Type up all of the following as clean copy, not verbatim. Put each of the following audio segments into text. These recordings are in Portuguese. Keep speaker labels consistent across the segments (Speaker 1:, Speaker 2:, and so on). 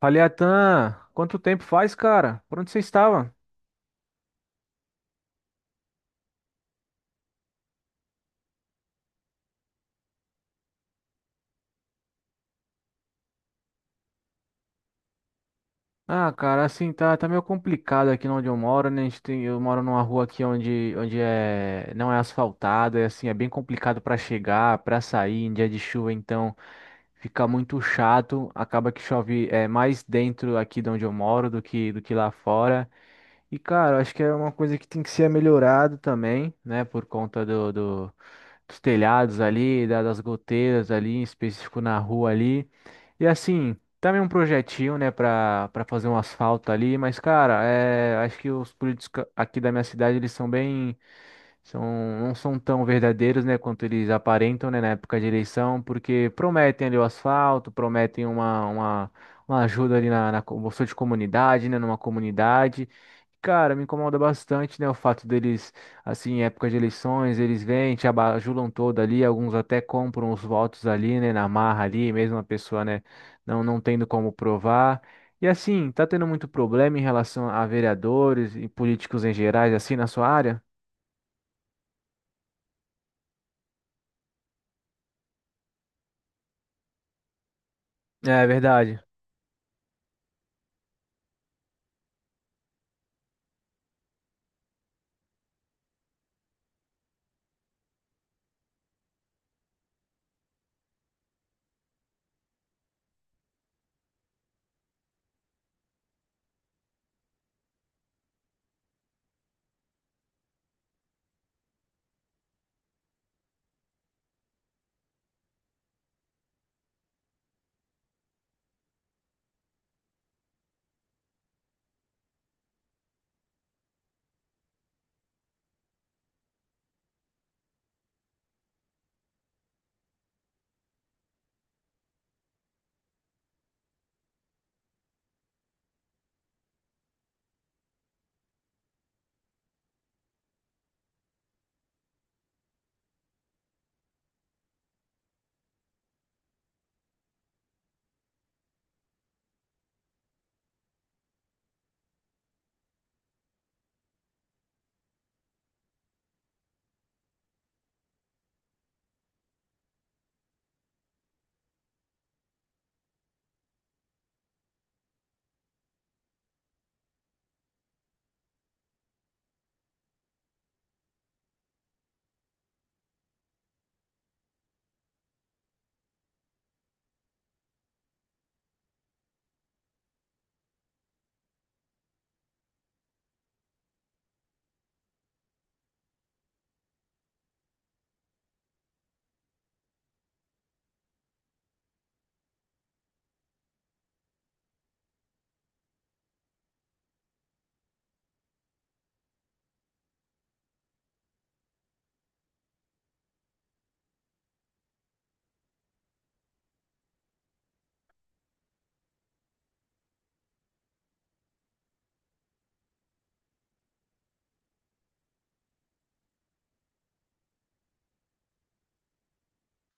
Speaker 1: Fala, Atan, quanto tempo faz, cara? Por onde você estava? Ah, cara, assim, tá meio complicado aqui onde eu moro, né? A gente tem, eu moro numa rua aqui onde é, não é asfaltada, e assim, é bem complicado pra chegar, pra sair em dia de chuva, então fica muito chato. Acaba que chove é, mais dentro aqui de onde eu moro do que lá fora. E, cara, eu acho que é uma coisa que tem que ser melhorado também, né? Por conta dos telhados ali, das goteiras ali, em específico na rua ali. E assim. Também um projetinho, né, pra fazer um asfalto ali, mas, cara, é, acho que os políticos aqui da minha cidade, eles são bem, são, não são tão verdadeiros, né, quanto eles aparentam, né, na época de eleição, porque prometem ali o asfalto, prometem uma, uma ajuda ali na bolsa de comunidade, né, numa comunidade. Cara, me incomoda bastante, né, o fato deles, assim, em época de eleições, eles vêm, te abajulam todo ali, alguns até compram os votos ali, né, na marra ali, mesmo a pessoa, né, não tendo como provar. E assim, tá tendo muito problema em relação a vereadores e políticos em gerais, assim, na sua área? É verdade,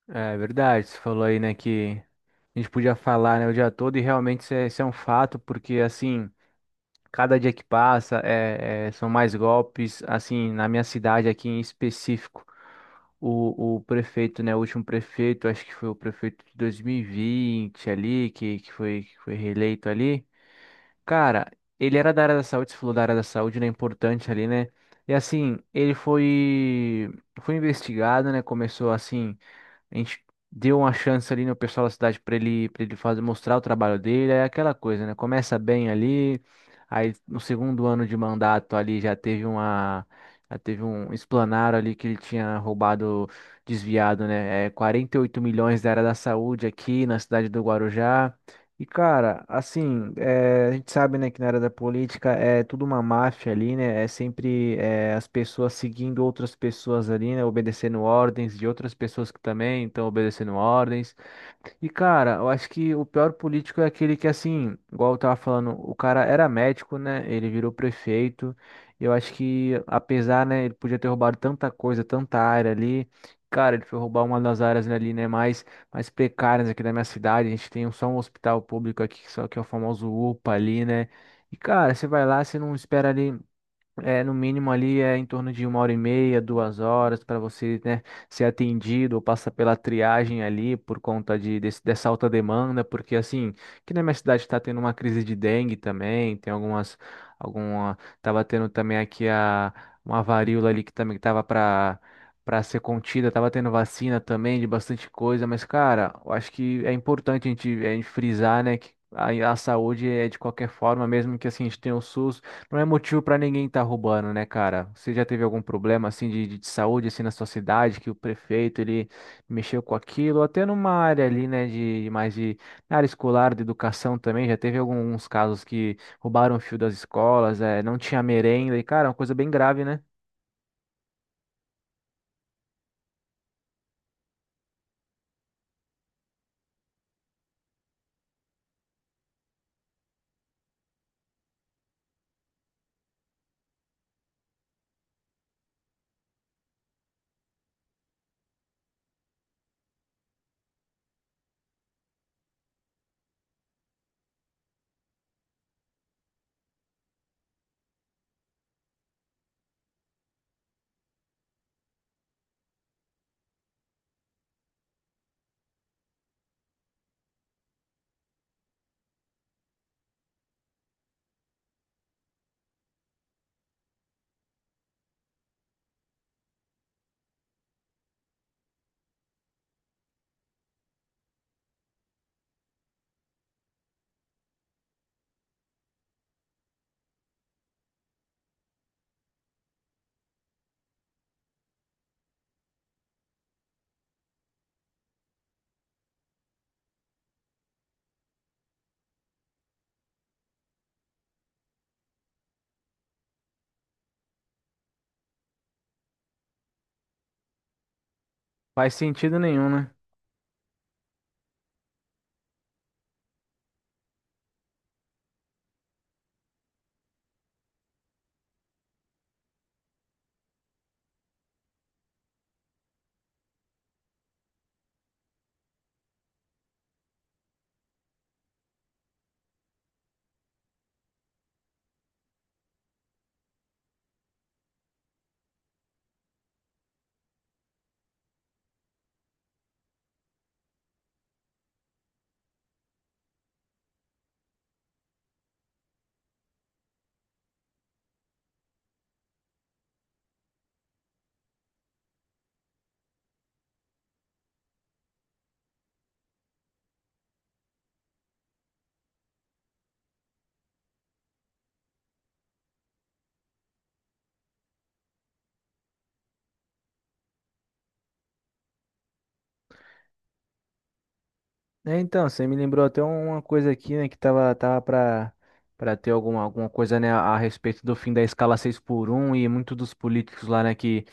Speaker 1: é verdade. Você falou aí, né, que a gente podia falar, né, o dia todo e realmente isso é um fato, porque assim, cada dia que passa são mais golpes, assim, na minha cidade aqui em específico. O prefeito, né? O último prefeito, acho que foi o prefeito de 2020 ali, que foi reeleito ali. Cara, ele era da área da saúde, você falou da área da saúde, né? Importante ali, né? E assim, ele foi investigado, né? Começou assim. A gente deu uma chance ali no pessoal da cidade para ele fazer, mostrar o trabalho dele, é aquela coisa, né? Começa bem ali, aí no segundo ano de mandato ali já teve um explanar ali que ele tinha roubado, desviado, né? É, 48 milhões da área da saúde aqui na cidade do Guarujá. E cara, assim, a gente sabe, né, que na área da política é tudo uma máfia ali, né? É sempre as pessoas seguindo outras pessoas ali, né? Obedecendo ordens de outras pessoas que também estão obedecendo ordens. E, cara, eu acho que o pior político é aquele que, assim, igual eu tava falando, o cara era médico, né? Ele virou prefeito. Eu acho que, apesar, né, ele podia ter roubado tanta coisa, tanta área ali. Cara, ele foi roubar uma das áreas ali, né, mais precárias aqui da minha cidade. A gente tem só um hospital público aqui, que só que é o famoso UPA ali, né? E, cara, você vai lá, você não espera ali. É, no mínimo ali é em torno de 1 hora e meia, 2 horas para você, né, ser atendido ou passar pela triagem ali por conta de, dessa alta demanda, porque assim, que na minha cidade está tendo uma crise de dengue também, tem tava tendo também aqui uma varíola ali que também tava para ser contida, tava tendo vacina também de bastante coisa, mas cara, eu acho que é importante a gente frisar, né, que a saúde é de qualquer forma, mesmo que assim a gente tenha o SUS, não é motivo pra ninguém estar roubando, né, cara? Você já teve algum problema assim de, de saúde assim na sua cidade que o prefeito ele mexeu com aquilo, até numa área ali, né, de mais de na área escolar, de educação também, já teve alguns casos que roubaram o fio das escolas, é, não tinha merenda e cara, é uma coisa bem grave, né? Faz sentido nenhum, né? É, então, você me lembrou até uma coisa aqui, né, que tava, para ter alguma, coisa, né, a respeito do fim da escala 6 por um e muitos dos políticos lá, né, que,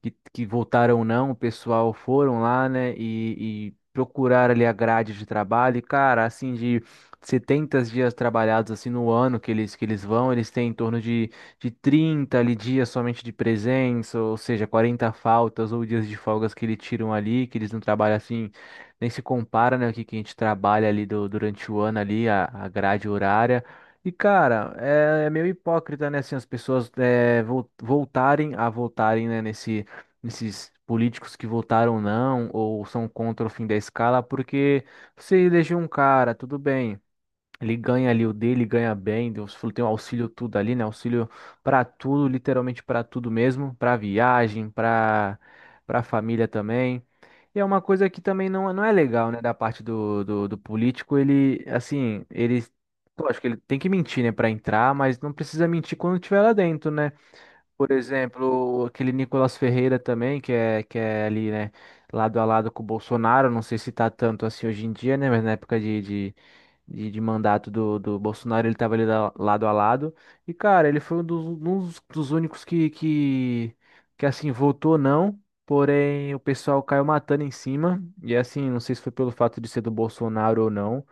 Speaker 1: que, que votaram não, o pessoal foram lá, né, e procuraram ali a grade de trabalho e, cara, assim, de 70 dias trabalhados, assim, no ano que eles vão, eles têm em torno de, 30 ali dias somente de presença, ou seja, 40 faltas ou dias de folgas que eles tiram ali, que eles não trabalham, assim, nem se compara, né, o que, que a gente trabalha ali durante o ano ali, a, grade horária. E, cara, é meio hipócrita, né, assim, as pessoas é, voltarem a votarem, né, nesses políticos que votaram não ou são contra o fim da escala, porque você elegeu um cara, tudo bem. Ele ganha ali o dele, ganha bem, Deus falou, tem um auxílio tudo ali, né? Auxílio pra tudo, literalmente pra tudo mesmo, pra viagem, pra para família também. E é uma coisa que também não é legal, né, da parte do político, ele assim, ele lógico que ele tem que mentir, né, pra entrar, mas não precisa mentir quando estiver lá dentro, né? Por exemplo, aquele Nicolas Ferreira também, que é ali, né, lado a lado com o Bolsonaro, não sei se tá tanto assim hoje em dia, né, mas na época de mandato do Bolsonaro ele tava ali lado a lado. E, cara, ele foi um dos, um dos únicos assim, votou não, porém o pessoal caiu matando em cima. E, assim, não sei se foi pelo fato de ser do Bolsonaro ou não.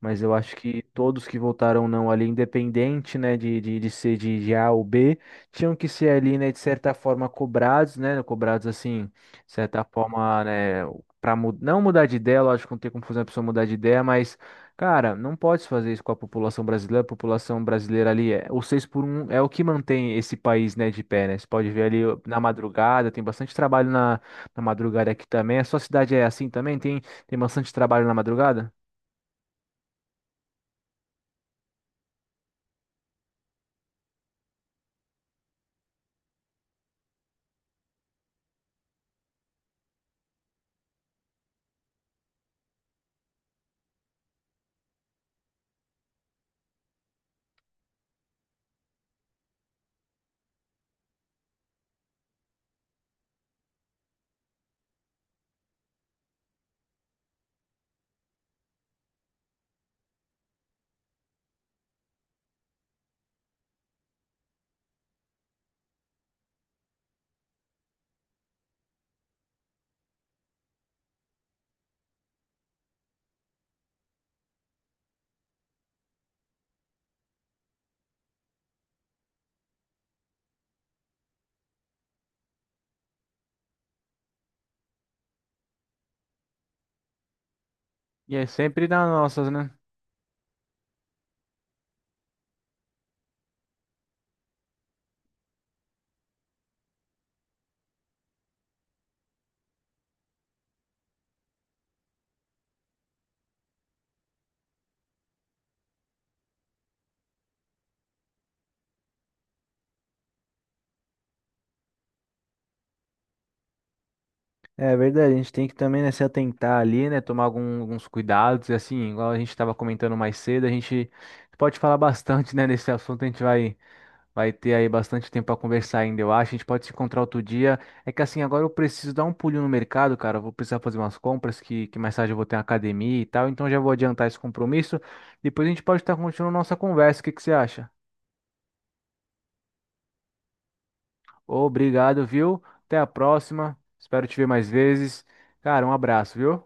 Speaker 1: Mas eu acho que todos que votaram não ali, independente, né, de ser de A ou B, tinham que ser ali, né, de certa forma cobrados, né, cobrados assim, de certa forma, né, para não mudar de ideia, lógico, não tem como fazer uma pessoa mudar de ideia, mas cara, não pode fazer isso com a população brasileira ali é, o 6 por um é o que mantém esse país, né, de pé, né? Você pode ver ali ó, na madrugada, tem bastante trabalho na, na madrugada aqui também. A sua cidade é assim também? Tem tem bastante trabalho na madrugada? E é sempre nas nossas, né? É verdade, a gente tem que também, né, se atentar ali, né, tomar alguns cuidados, e assim, igual a gente estava comentando mais cedo, a gente pode falar bastante, né, nesse assunto, a gente vai, ter aí bastante tempo para conversar ainda, eu acho, a gente pode se encontrar outro dia, é que assim, agora eu preciso dar um pulinho no mercado, cara, eu vou precisar fazer umas compras, que mais tarde eu vou ter uma academia e tal, então já vou adiantar esse compromisso, depois a gente pode estar continuando nossa conversa, o que que você acha? Obrigado, viu? Até a próxima, espero te ver mais vezes, cara, um abraço, viu?